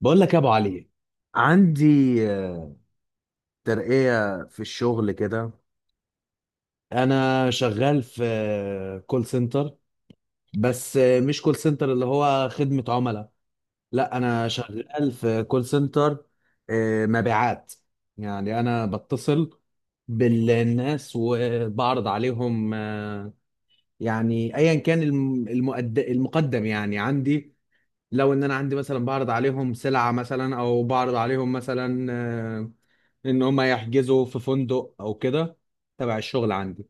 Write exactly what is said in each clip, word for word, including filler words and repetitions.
بقول لك يا ابو علي، عندي آه، ترقية في الشغل كده. انا شغال في كول سنتر، بس آه، مش كول سنتر اللي هو خدمة عملاء. لا، انا شغال في كول سنتر آه، مبيعات. يعني انا بتصل بالناس وبعرض عليهم آه، يعني ايا كان الم- المقد- المقدم يعني عندي. لو ان انا عندي مثلا، بعرض عليهم سلعة مثلا، او بعرض عليهم مثلا آه، ان هم يحجزوا في فندق او كده تبع الشغل عندي.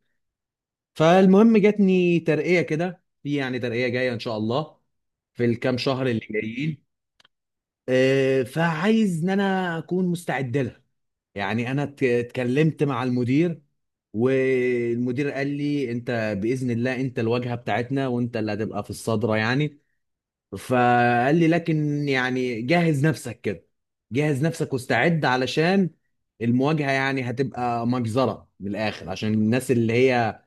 فالمهم، جاتني ترقية كده، في يعني ترقية جاية ان شاء الله في الكام شهر اللي جايين. آه، فعايز ان انا اكون مستعد لها. يعني انا ات- اتكلمت مع المدير، والمدير قال لي انت باذن الله انت الواجهه بتاعتنا، وانت اللي هتبقى في الصدره يعني. فقال لي لكن يعني جهز نفسك كده، جهز نفسك واستعد علشان المواجهة يعني هتبقى مجزرة من الآخر، عشان الناس اللي هي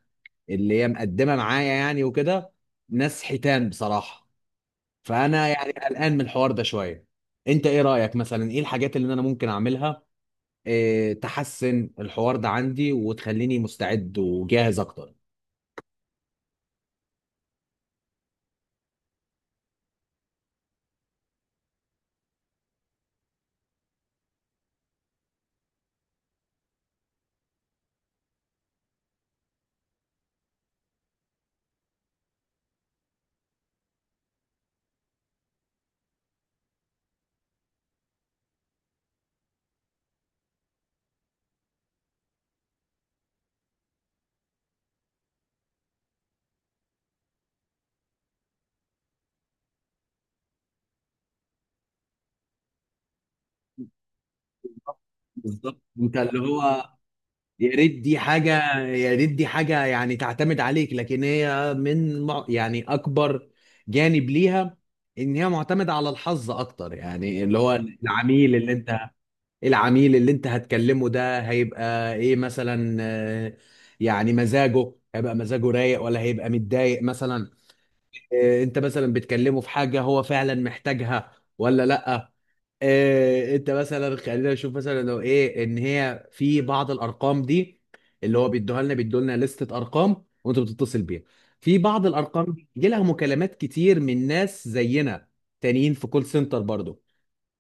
اللي هي مقدمة معايا يعني وكده. ناس حيتان بصراحة. فأنا يعني قلقان من الحوار ده شوية. أنت إيه رأيك مثلا؟ إيه الحاجات اللي أنا ممكن أعملها؟ إيه تحسن الحوار ده عندي وتخليني مستعد وجاهز أكتر؟ بالظبط. أنت اللي هو، يا ريت دي حاجة، يا ريت دي حاجة يعني تعتمد عليك، لكن هي من مع- يعني أكبر جانب ليها إن هي معتمدة على الحظ أكتر، يعني اللي هو العميل اللي أنت العميل اللي أنت هتكلمه ده هيبقى إيه مثلا، آه، يعني مزاجه هيبقى مزاجه رايق ولا هيبقى متضايق مثلا. آه، أنت مثلا بتكلمه في حاجة هو فعلا محتاجها ولا لأ؟ إيه، انت مثلا خلينا نشوف مثلا، لو ايه ان هي في بعض الارقام دي اللي هو بيدوها لنا بيدوا لنا لستة ارقام، وانت بتتصل بيها. في بعض الارقام دي يجي لها مكالمات كتير من ناس زينا تانيين في كول سنتر برضو،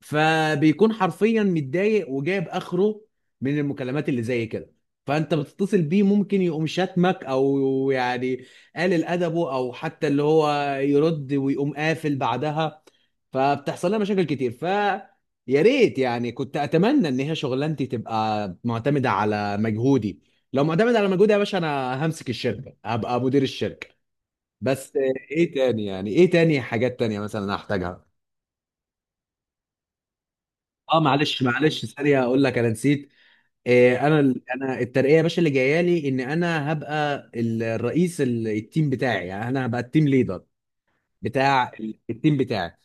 فبيكون حرفيا متضايق وجايب اخره من المكالمات اللي زي كده. فانت بتتصل بيه، ممكن يقوم شاتمك او يعني قلل ادبه، او حتى اللي هو يرد ويقوم قافل بعدها. فبتحصل لها مشاكل كتير. ف يا ريت يعني، كنت اتمنى ان هي شغلانتي تبقى معتمده على مجهودي. لو معتمده على مجهودي يا باشا، انا همسك الشركه، هبقى مدير الشركه بس. ايه تاني يعني ايه تاني حاجات تانية مثلا انا احتاجها؟ اه، معلش معلش ثانيه، اقول لك انا نسيت. إيه، انا انا الترقيه يا باشا اللي جايه لي، ان انا هبقى ال- الرئيس ال- التيم بتاعي، يعني انا هبقى التيم ليدر بتاع ال- التيم بتاعي.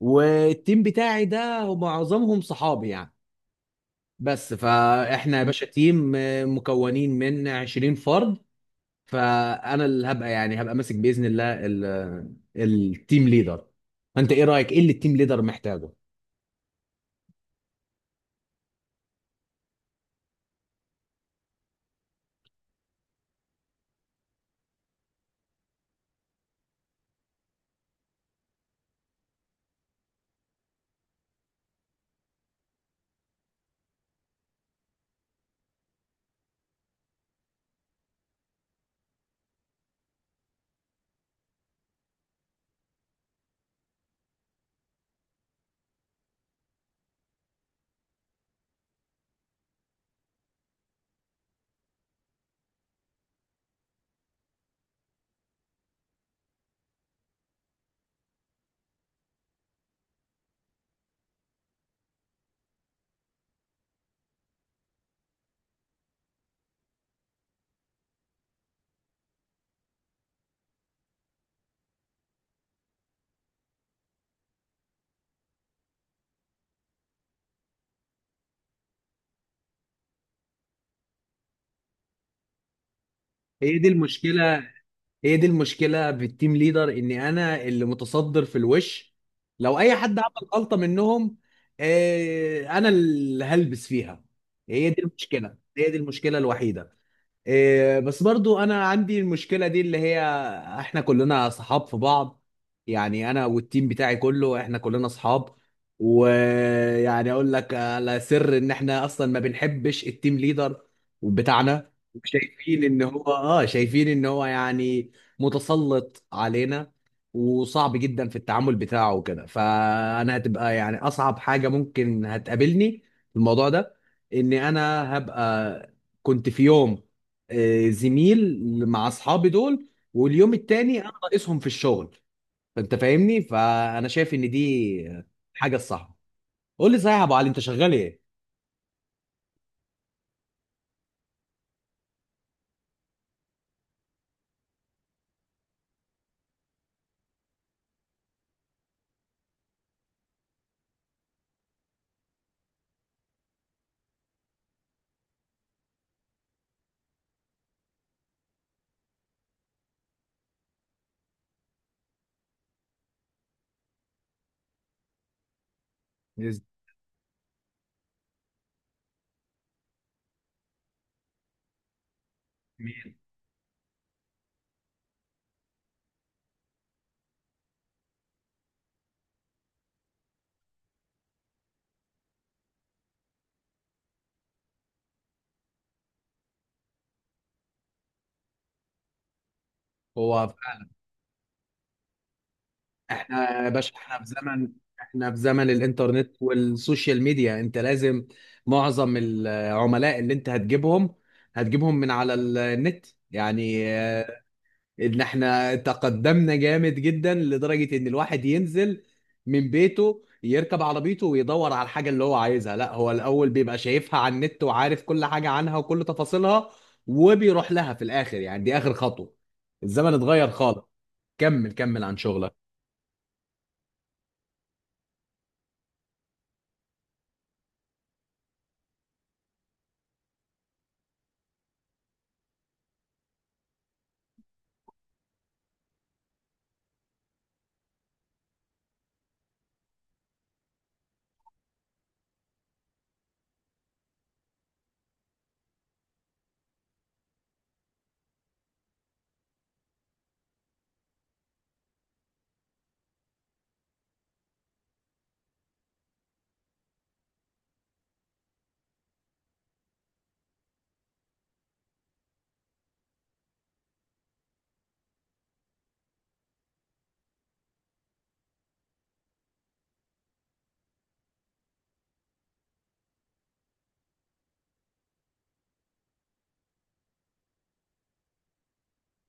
والتيم بتاعي ده معظمهم صحابي يعني بس، فاحنا يا باشا تيم، آه، مكونين من عشرين فرد. فانا اللي هبقى، يعني هبقى ماسك باذن الله ال- التيم ليدر. انت ايه رايك؟ ايه اللي التيم ليدر محتاجه؟ هي دي المشكله. هي دي المشكله في التيم ليدر، ان انا اللي متصدر في الوش. لو اي حد عمل غلطه منهم، آه، انا اللي هلبس فيها. هي دي المشكله. هي دي المشكله الوحيده. إيه، بس برضو انا عندي المشكله دي اللي هي، احنا كلنا صحاب في بعض. يعني انا والتيم بتاعي كله، احنا كلنا صحاب. ويعني اقول لك على سر، ان احنا اصلا ما بنحبش التيم ليدر بتاعنا، وشايفين ان هو اه شايفين ان هو يعني متسلط علينا، وصعب جدا في التعامل بتاعه وكده. فانا هتبقى يعني اصعب حاجه ممكن هتقابلني في الموضوع ده، ان انا هبقى كنت في يوم آه، زميل مع اصحابي دول، واليوم التاني انا ناقصهم في الشغل. فانت فاهمني. فانا شايف ان دي حاجه الصح. قول لي صحيح يا ابو علي، انت شغال ايه، زميل؟ هو احنا يا باشا، احنا في زمن احنا في زمن الانترنت والسوشيال ميديا، انت لازم معظم العملاء اللي انت هتجيبهم هتجيبهم من على النت يعني. ان احنا تقدمنا جامد جدا لدرجة ان الواحد ينزل من بيته يركب عربيته ويدور على الحاجة اللي هو عايزها، لا هو الاول بيبقى شايفها على النت وعارف كل حاجة عنها وكل تفاصيلها، وبيروح لها في الاخر، يعني دي اخر خطوة. الزمن اتغير خالص. كمل كمل عن شغلك.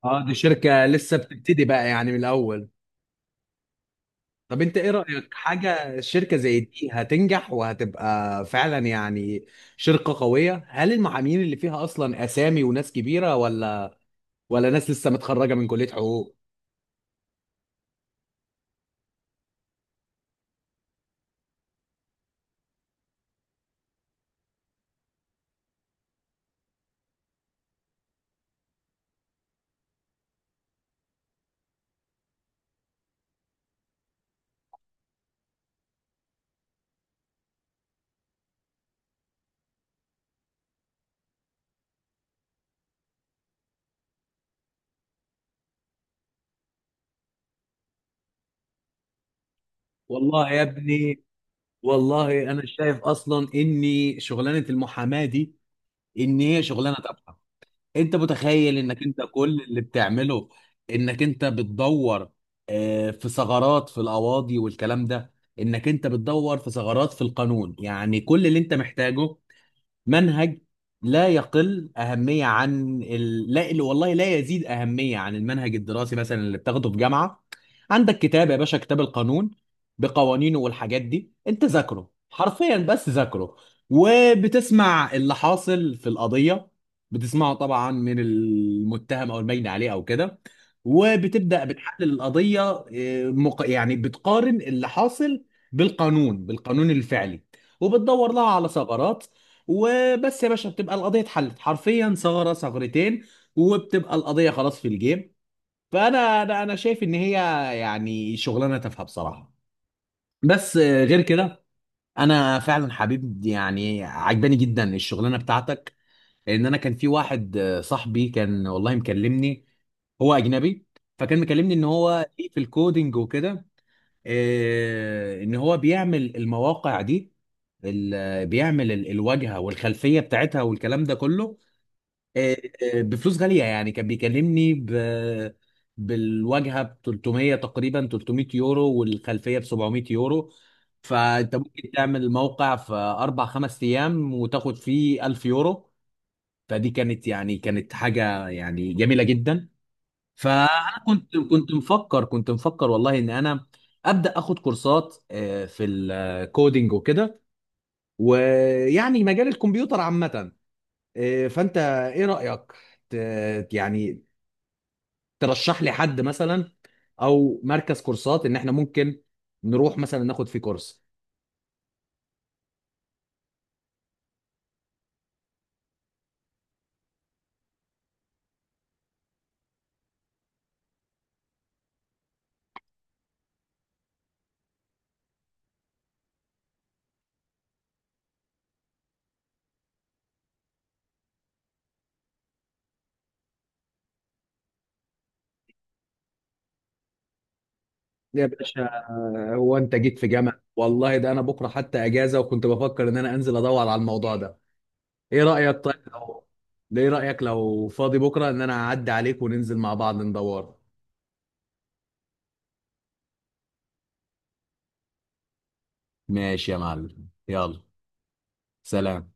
اه، دي شركة لسه بتبتدي بقى يعني من الاول. طب انت ايه رأيك، حاجة شركة زي دي هتنجح وهتبقى فعلا يعني شركة قوية؟ هل المعاملين اللي فيها اصلا اسامي وناس كبيرة، ولا ولا ناس لسه متخرجه من كليه حقوق؟ والله يا ابني، والله انا شايف اصلا اني شغلانه المحاماه دي، ان هي شغلانه تافهه. انت متخيل، انك انت كل اللي بتعمله، انك انت بتدور آه، في ثغرات في القواضي والكلام ده، انك انت بتدور في ثغرات في القانون، يعني كل اللي انت محتاجه منهج لا يقل أهمية عن ال... لا ال- والله لا يزيد أهمية عن المنهج الدراسي مثلا اللي بتاخده في جامعة. عندك كتاب يا باشا، كتاب القانون بقوانينه والحاجات دي، أنت ذاكره حرفيا بس ذاكره، وبتسمع اللي حاصل في القضية، بتسمعه طبعا من المتهم أو البين عليه أو كده. وبتبدأ بتحلل القضية إيه، مق... يعني بتقارن اللي حاصل بالقانون بالقانون الفعلي، وبتدور لها على ثغرات، وبس يا باشا بتبقى القضيه اتحلت حرفيا، ثغره ثغرتين، وبتبقى القضيه خلاص في الجيم. فانا انا انا شايف ان هي يعني شغلانه تافهه بصراحه. بس آه، غير كده، انا فعلا حبيب يعني عجباني جدا الشغلانه بتاعتك. لان انا كان في واحد آه، صاحبي كان والله مكلمني، هو اجنبي. فكان مكلمني ان هو ليه في الكودينج وكده، آه، ان هو بيعمل المواقع دي، ال- بيعمل ال- الواجهه والخلفيه بتاعتها والكلام ده كله، آه، آه، بفلوس غالية. يعني كان بيكلمني ب... بالواجهة ب تلت مية تقريبا، تلت مية يورو، والخلفية ب سبعمائة يورو. فانت ممكن تعمل موقع في اربع خمس ايام، وتاخد فيه ألف يورو. فدي كانت يعني كانت حاجة يعني جميلة جدا. فانا كنت كنت مفكر كنت مفكر والله ان انا ابدا اخد كورسات آه، في الكودينج وكده، ويعني مجال الكمبيوتر عامة. آه، فانت ايه رأيك، ت- يعني ترشح لي حد مثلا، او مركز كورسات ان احنا ممكن نروح مثلا ناخد فيه كورس؟ يا باشا، آه، هو انت جيت في جامعة والله، ده انا بكره حتى اجازة وكنت بفكر ان انا انزل ادور على الموضوع ده. ايه رأيك طيب لو ايه رأيك لو فاضي بكره ان انا اعدي عليك وننزل مع بعض ندور؟ ماشي يا معلم، يلا سلام.